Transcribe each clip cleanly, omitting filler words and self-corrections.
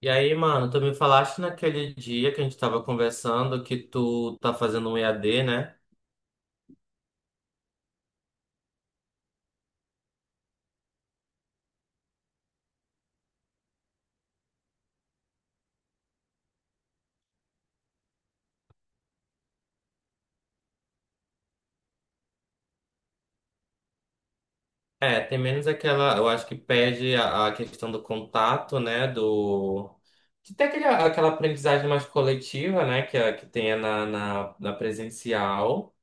E aí, mano, tu me falaste naquele dia que a gente tava conversando que tu tá fazendo um EAD, né? É, tem menos aquela, eu acho que perde a questão do contato, né? Do. De ter aquela aprendizagem mais coletiva, né? Que tenha na presencial.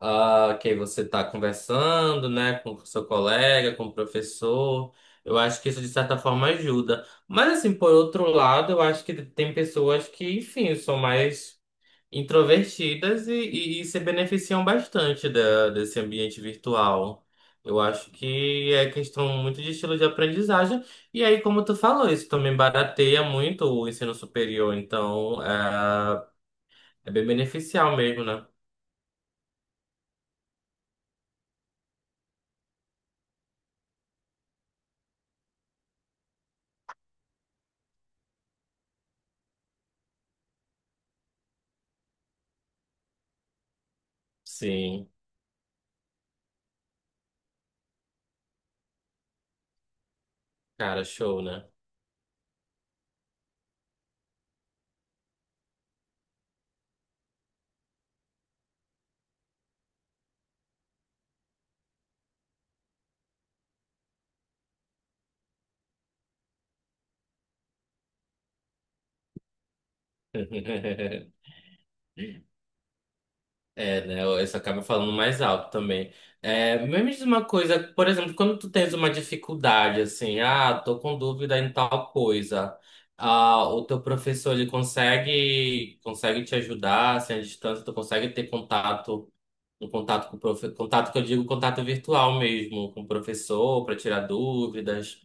Que aí você tá conversando, né? Com o seu colega, com o professor. Eu acho que isso, de certa forma, ajuda. Mas, assim, por outro lado, eu acho que tem pessoas que, enfim, são mais introvertidas e se beneficiam bastante desse ambiente virtual. Eu acho que é questão muito de estilo de aprendizagem. E aí, como tu falou, isso também barateia muito o ensino superior. Então, é, é bem beneficial mesmo, né? Sim, cara, show, né? É, né? Isso acaba falando mais alto também. É, mas me diz uma coisa, por exemplo, quando tu tens uma dificuldade, assim, ah, tô com dúvida em tal coisa, ah, o teu professor, ele consegue, consegue te ajudar, assim, à distância, tu consegue ter contato, um contato com o contato que eu digo, contato virtual mesmo, com o professor, para tirar dúvidas,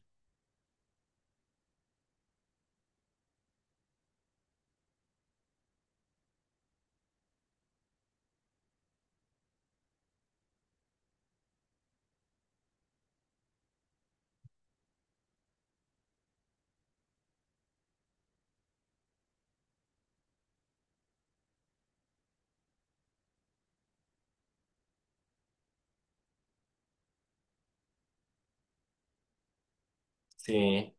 sim,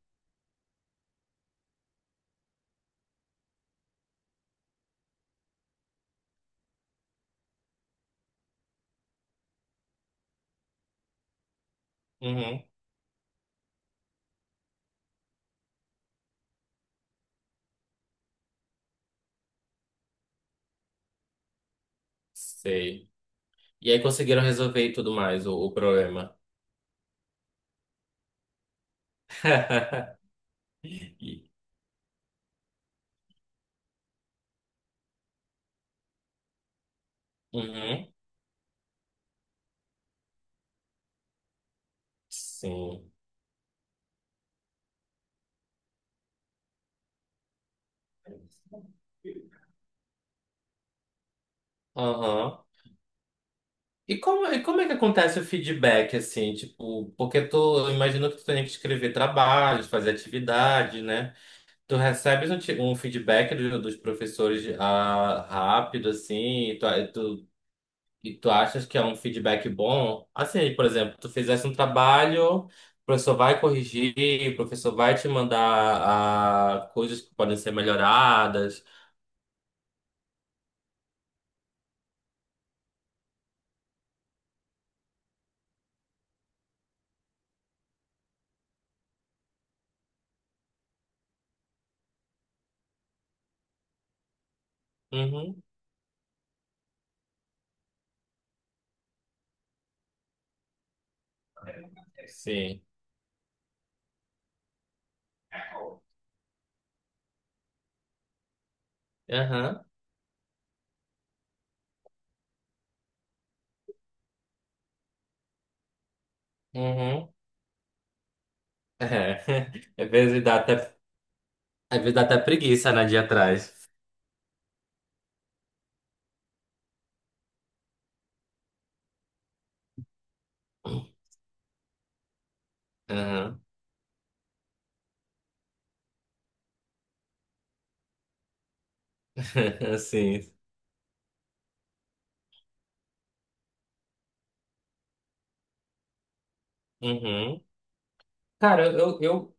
uhum, sei. E aí conseguiram resolver e tudo mais, o problema. Uhum, sim. Aham. E como é que acontece o feedback, assim, tipo, porque tu, eu imagino que tu tem que escrever trabalhos, fazer atividade, né? Tu recebes um feedback dos professores, ah, rápido, assim, e tu achas que é um feedback bom? Assim, por exemplo, tu fizesse um trabalho, o professor vai corrigir, o professor vai te mandar, ah, coisas que podem ser melhoradas. Uhum. Sim. Aham. Uhum. É, às vezes dá até, às vezes dá até preguiça, né, de ir atrás. Aham, sim. Uhum. Cara, eu, eu,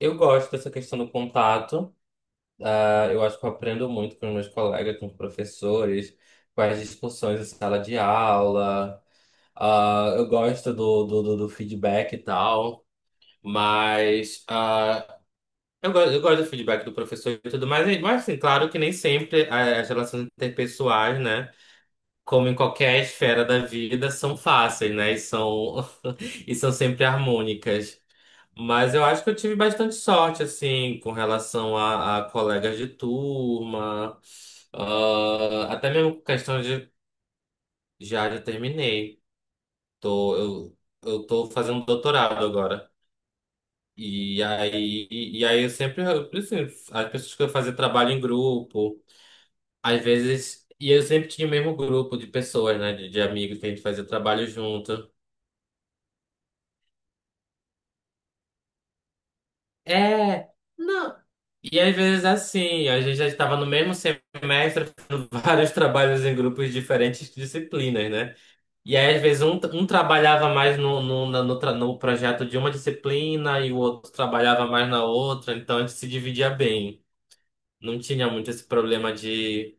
eu gosto dessa questão do contato. Ah, eu acho que eu aprendo muito com os meus colegas, com os professores, com as discussões em sala de aula. Ah, eu gosto do feedback e tal. Mas, ah, eu gosto do feedback do professor e tudo mais. Mas, assim, claro que nem sempre, ah, as relações interpessoais, né? Como em qualquer esfera da vida, são fáceis, né? E são, e são sempre harmônicas. Mas eu acho que eu tive bastante sorte, assim, com relação a colegas de turma, ah, até mesmo com questão de. Já, já terminei. Tô, eu Tô fazendo doutorado agora. E aí eu sempre, eu, assim, as pessoas que eu fazia trabalho em grupo, às vezes, e eu sempre tinha o mesmo grupo de pessoas, né, de amigos que a gente fazia trabalho junto. É, não. E às vezes assim, a gente já estava no mesmo semestre fazendo vários trabalhos em grupos de diferentes disciplinas, né? E aí às vezes um trabalhava mais no projeto de uma disciplina e o outro trabalhava mais na outra, então a gente se dividia bem. Não tinha muito esse problema de.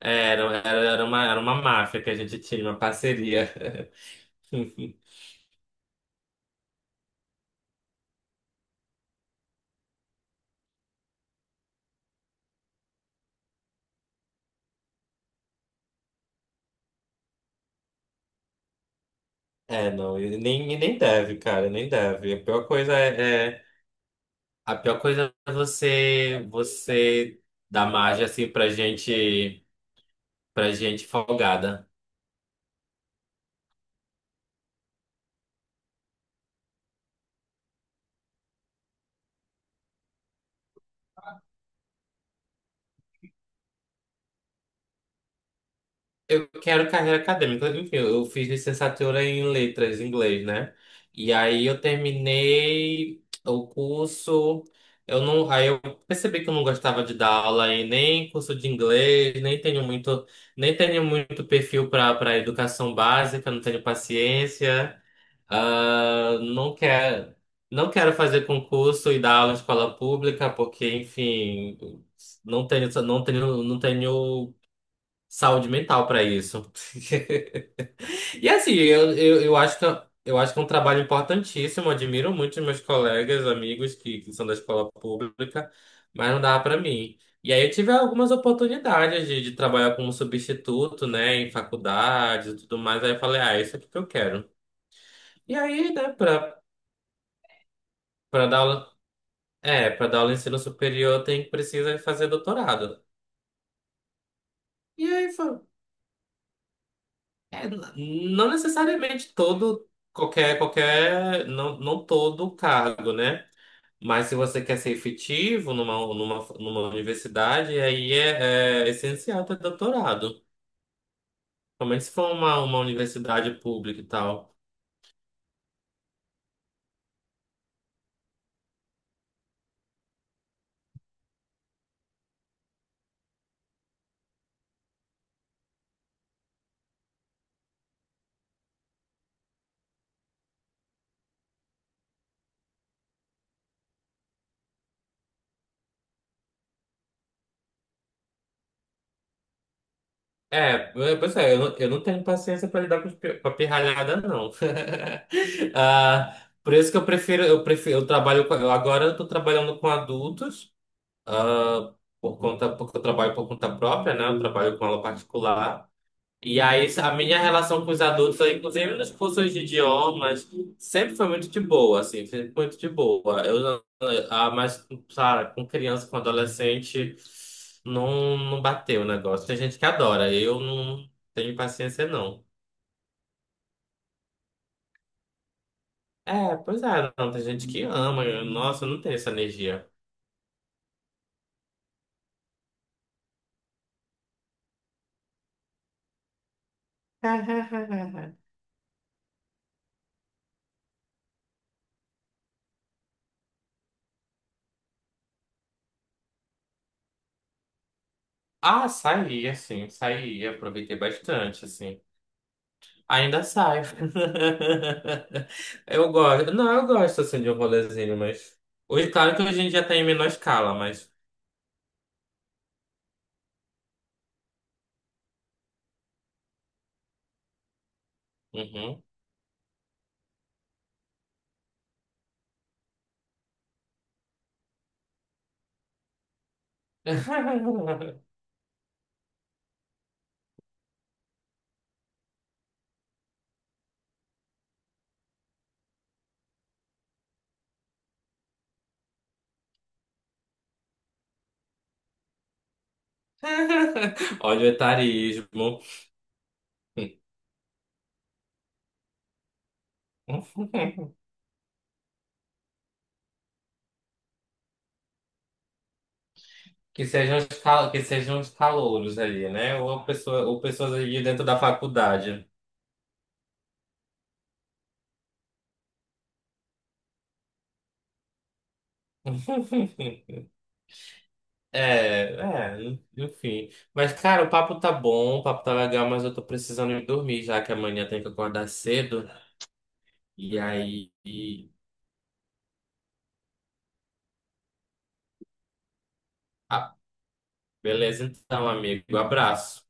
Era uma máfia que a gente tinha, uma parceria. É, não, e nem deve, cara, nem deve. A pior coisa é. A pior coisa é você dar margem assim pra gente folgada. Eu quero carreira acadêmica. Enfim, eu fiz licenciatura em letras, em inglês, né? E aí eu terminei o curso. Eu não, aí eu Percebi que eu não gostava de dar aula em nem curso de inglês, nem tenho muito, nem tenho muito perfil para para educação básica, não tenho paciência. Ah, não quero fazer concurso e dar aula em escola pública, porque, enfim, não tenho saúde mental pra isso. E assim, eu acho que é, eu acho que é um trabalho importantíssimo. Admiro muito os meus colegas, amigos que são da escola pública, mas não dá pra mim. E aí eu tive algumas oportunidades de trabalhar como substituto, né, em faculdades e tudo mais. Aí eu falei, ah, isso é o que eu quero. E aí, né, pra, Pra dar aula, pra dar aula em ensino superior, tem precisa fazer doutorado. E aí foi, É, não necessariamente todo, não todo cargo, né? Mas se você quer ser efetivo numa universidade, aí é, é essencial ter doutorado. Principalmente se for uma universidade pública e tal. É, é, pois é, eu não tenho paciência para lidar com, com a pirralhada, não. Ah, por isso que eu prefiro, eu trabalho, com- eu agora eu tô trabalhando com adultos. Ah, por conta, porque eu trabalho por conta própria, né? Eu trabalho com aula particular. E aí, a minha relação com os adultos, inclusive nas cursos de idiomas, sempre foi muito de boa, assim, sempre muito de boa. Eu, não- ah, mas, Cara, com criança, com adolescente, não bateu o negócio. Tem gente que adora, eu não tenho paciência, não. É, pois é, não, tem gente que ama, nossa, eu não tenho essa energia. Ah, saí, aproveitei bastante, assim. Ainda sai. Eu gosto. Não, eu gosto assim de um rolezinho, mas. Hoje, claro que hoje a gente já tá em menor escala, mas. Uhum. Olha o etarismo. Que sejam os calouros ali, né? Ou pessoas ali dentro da faculdade. É, é, enfim. Mas, cara, o papo tá bom, o papo tá legal, mas eu tô precisando ir dormir, já que amanhã tem que acordar cedo. E aí, ah, beleza então, amigo. Abraço.